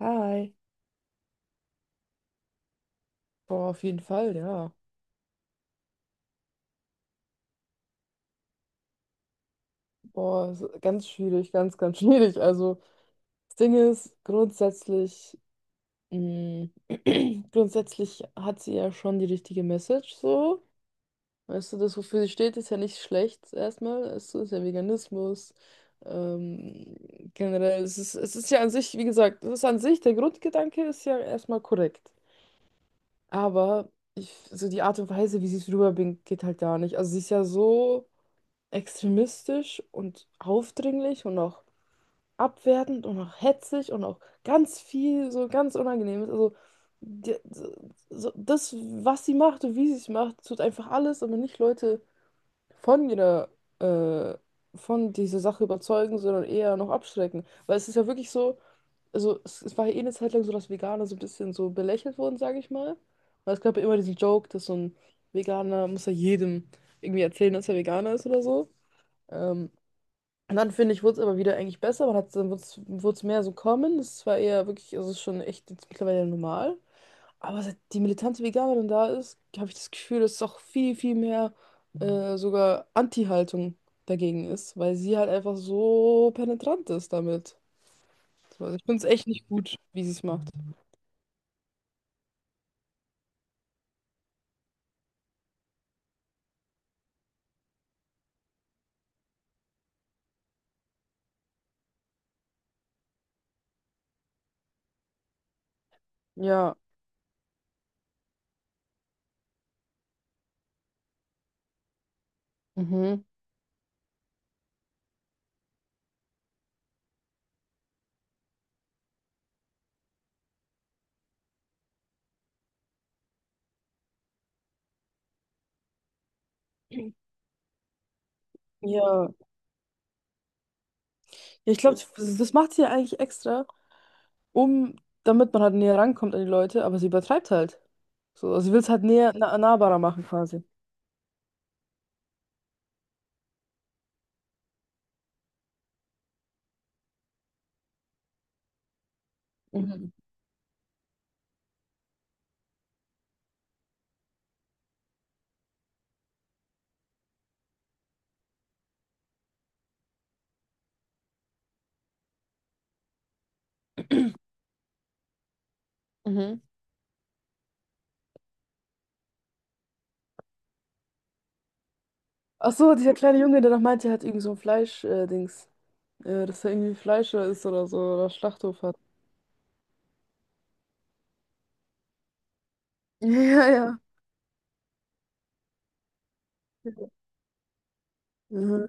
Hi. Boah, auf jeden Fall, ja. Boah, ist ganz schwierig, ganz, ganz schwierig. Also, das Ding ist, grundsätzlich, mh, grundsätzlich hat sie ja schon die richtige Message, so. Weißt du, das, wofür sie steht, ist ja nicht schlecht, erstmal. Es ist ja Veganismus. Ähm, Generell, es ist ja an sich, wie gesagt, es ist an sich, der Grundgedanke ist ja erstmal korrekt. Aber ich, so die Art und Weise, wie sie es rüberbringt, geht halt gar nicht. Also, sie ist ja so, extremistisch und aufdringlich und auch abwertend und auch hetzig und auch ganz viel so ganz Unangenehmes. Also die, so, das, was sie macht und wie sie es macht, tut einfach alles, aber nicht Leute von ihrer, äh, von dieser Sache überzeugen, sondern eher noch abschrecken. Weil es ist ja wirklich so, also es war ja eh eine Zeit lang so, dass Veganer so ein bisschen so belächelt wurden, sage ich mal. Weil es gab ja immer diesen Joke, dass so ein Veganer muss ja jedem irgendwie erzählen dass er Veganer ist oder so. Ähm, und dann finde ich, wurde es aber wieder eigentlich besser. Man hat, dann wurde es mehr so kommen. Das war eher wirklich, also es ist schon echt jetzt mittlerweile normal. Aber seit die militante Veganerin da ist, habe ich das Gefühl, dass es auch viel, viel mehr sogar Anti-Haltung dagegen ist, weil sie halt einfach so penetrant ist damit. Also ich finde es echt nicht gut, wie sie es macht. Ja. Mhm. Ja. Ja, ich glaube, das macht sie ja eigentlich extra, um, damit man halt näher rankommt an die Leute, aber sie übertreibt halt. So, also sie will es halt näher, nahbarer machen quasi. Mhm. Mhm. Ach so, dieser kleine Junge, der noch meinte, er hat irgend so ein Fleisch-Dings. Dings. Äh, dass er irgendwie Fleischer ist oder so, oder Schlachthof hat. Ja, ja. Mhm.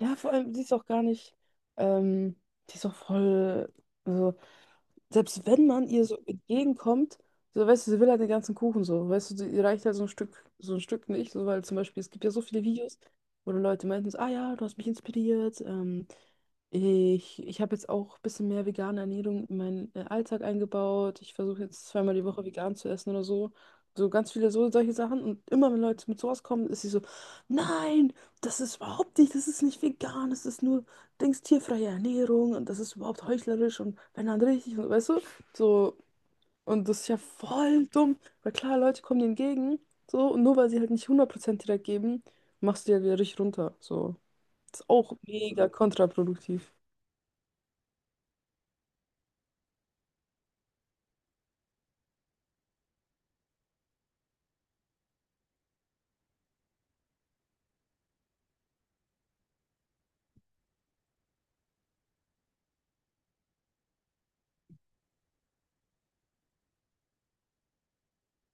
Ja, vor allem, die ist auch gar nicht, ähm, die ist auch voll, also, selbst wenn man ihr so entgegenkommt, so, weißt du, sie will halt den ganzen Kuchen. So, weißt du, ihr reicht halt so ein Stück nicht, so, weil zum Beispiel, es gibt ja so viele Videos, wo dann Leute meinten, so, ah ja, du hast mich inspiriert, ich habe jetzt auch ein bisschen mehr vegane Ernährung in meinen Alltag eingebaut, ich versuche jetzt zweimal die Woche vegan zu essen oder so, so ganz viele so, solche Sachen und immer, wenn Leute mit sowas kommen, ist sie so, nein! Das ist überhaupt nicht, das ist nicht vegan, das ist nur, denkst, tierfreie Ernährung und das ist überhaupt heuchlerisch und wenn dann richtig und weißt du, so, und das ist ja voll dumm, weil klar, Leute kommen dir entgegen, so, und nur weil sie halt nicht 100% direkt geben, machst du ja wieder richtig runter, so. Das ist auch mega kontraproduktiv.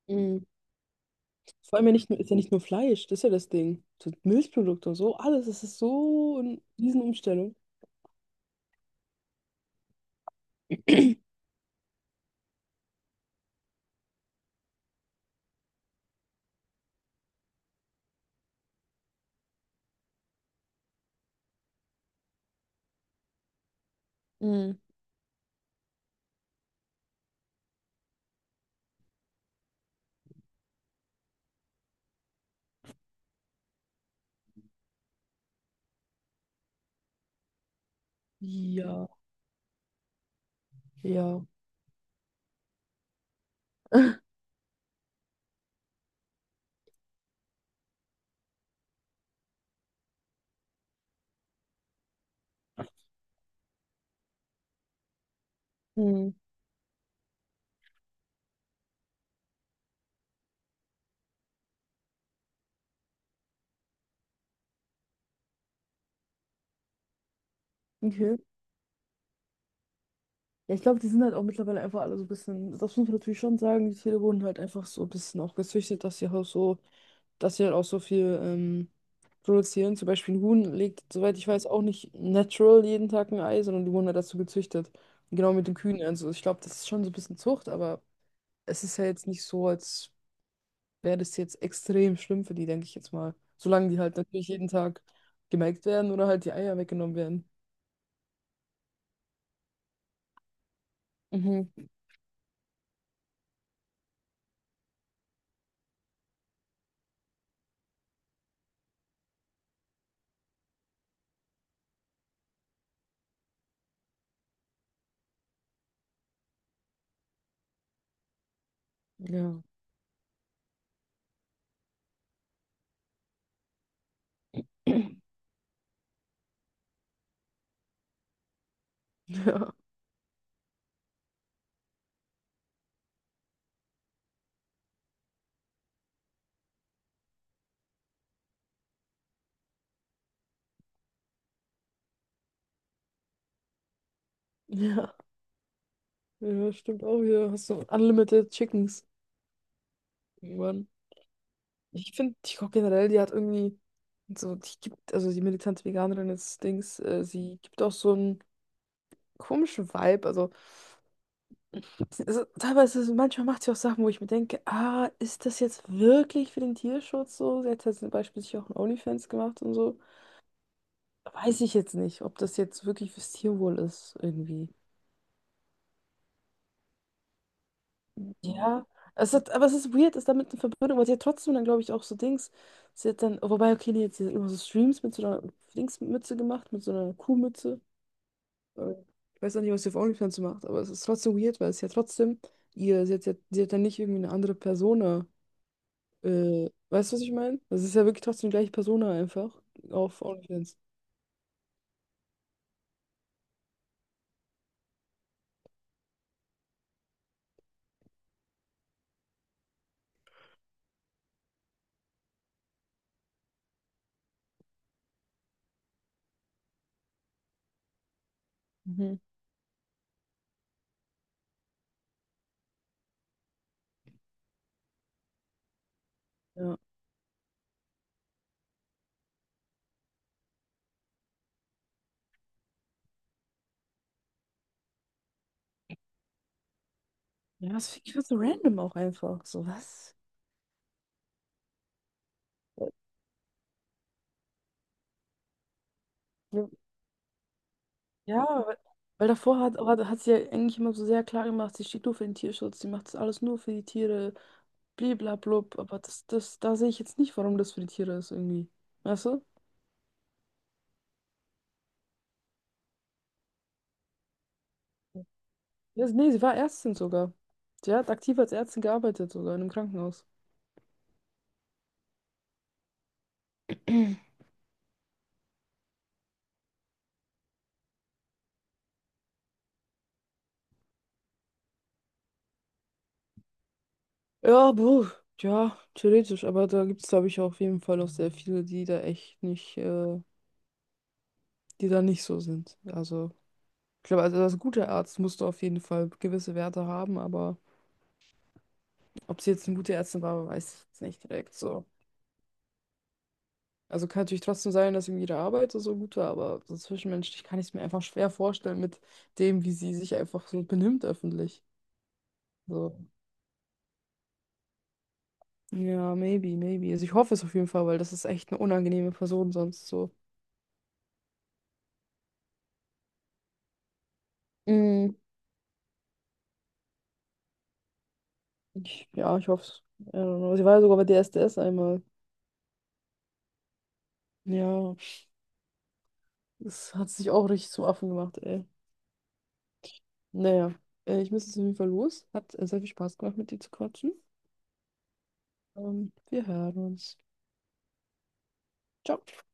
Mhm. Vor allem ja nicht nur, ist ja nicht nur Fleisch, das ist ja das Ding. So Milchprodukte und so, alles, das ist so eine Riesenumstellung. Mhm. Ja, ja. Mhm. Okay. Ja, ich glaube, die sind halt auch mittlerweile einfach alle so ein bisschen, das muss man natürlich schon sagen, die Tiere wurden halt einfach so ein bisschen auch gezüchtet, dass sie halt so, dass sie halt auch so viel produzieren. Zum Beispiel ein Huhn legt, soweit ich weiß, auch nicht natural jeden Tag ein Ei, sondern die wurden halt dazu gezüchtet. Und genau mit den Kühen. Also ich glaube, das ist schon so ein bisschen Zucht, aber es ist ja jetzt nicht so, als wäre das jetzt extrem schlimm für die, denke ich jetzt mal. Solange die halt natürlich jeden Tag gemelkt werden oder halt die Eier weggenommen werden. Mhm. Ja. Ja. Ja. Ja, stimmt auch hier. Hast du Unlimited Chickens irgendwann. Ich finde, TikTok generell, die hat irgendwie so, die gibt, also die militante Veganerin des Dings, sie gibt auch so einen komischen Vibe. Also, also teilweise, manchmal macht sie auch Sachen, wo ich mir denke, ah, ist das jetzt wirklich für den Tierschutz so? Sie hat ja zum Beispiel sich auch ein OnlyFans gemacht und so. Weiß ich jetzt nicht, ob das jetzt wirklich fürs Tierwohl ist, irgendwie. Ja, es hat, aber es ist weird, ist damit eine Verbindung, weil sie hat trotzdem dann, glaube ich, auch so Dings. Sie hat dann, oh, wobei, okay, nee, sie hat immer so Streams mit so einer Dingsmütze gemacht, mit so einer Kuhmütze. Äh, Ich weiß auch nicht, was sie auf OnlyFans macht, aber es ist trotzdem weird, weil es ja trotzdem ihr, sie hat, sie hat dann nicht irgendwie eine andere Persona. Weißt du, was ich meine? Das ist ja wirklich trotzdem die gleiche Persona einfach auf OnlyFans. Mhm. Ja. Ja, das finde ich so random auch einfach. So, was? Ja, weil, weil davor hat sie ja eigentlich immer so sehr klar gemacht, sie steht nur für den Tierschutz, sie macht das alles nur für die Tiere, bliblablub, aber da sehe ich jetzt nicht, warum das für die Tiere ist irgendwie. Weißt du? Ja, nee, sie war Ärztin sogar. Sie hat aktiv als Ärztin gearbeitet sogar in einem Krankenhaus. Ja, buh, ja, theoretisch, aber da gibt es, glaube ich, auch auf jeden Fall auch sehr viele, die da echt nicht, die da nicht so sind. Also, ich glaube, also als guter Arzt musst du auf jeden Fall gewisse Werte haben, aber. Ob sie jetzt eine gute Ärztin war, weiß ich jetzt nicht direkt so. Also kann natürlich trotzdem sein, dass irgendwie ihre Arbeit so gut war, aber so zwischenmenschlich kann ich es mir einfach schwer vorstellen mit dem, wie sie sich einfach so benimmt öffentlich. So. Ja, maybe, maybe. Also ich hoffe es auf jeden Fall, weil das ist echt eine unangenehme Person sonst so. Mm, ich, ja, ich hoffe es. I don't know. Sie war ja sogar bei DSDS einmal. Ja, das hat sich auch richtig zum Affen gemacht, ey. Naja, ich muss jetzt auf jeden Fall los. Hat sehr viel Spaß gemacht, mit dir zu quatschen. Wir hören uns. Ciao.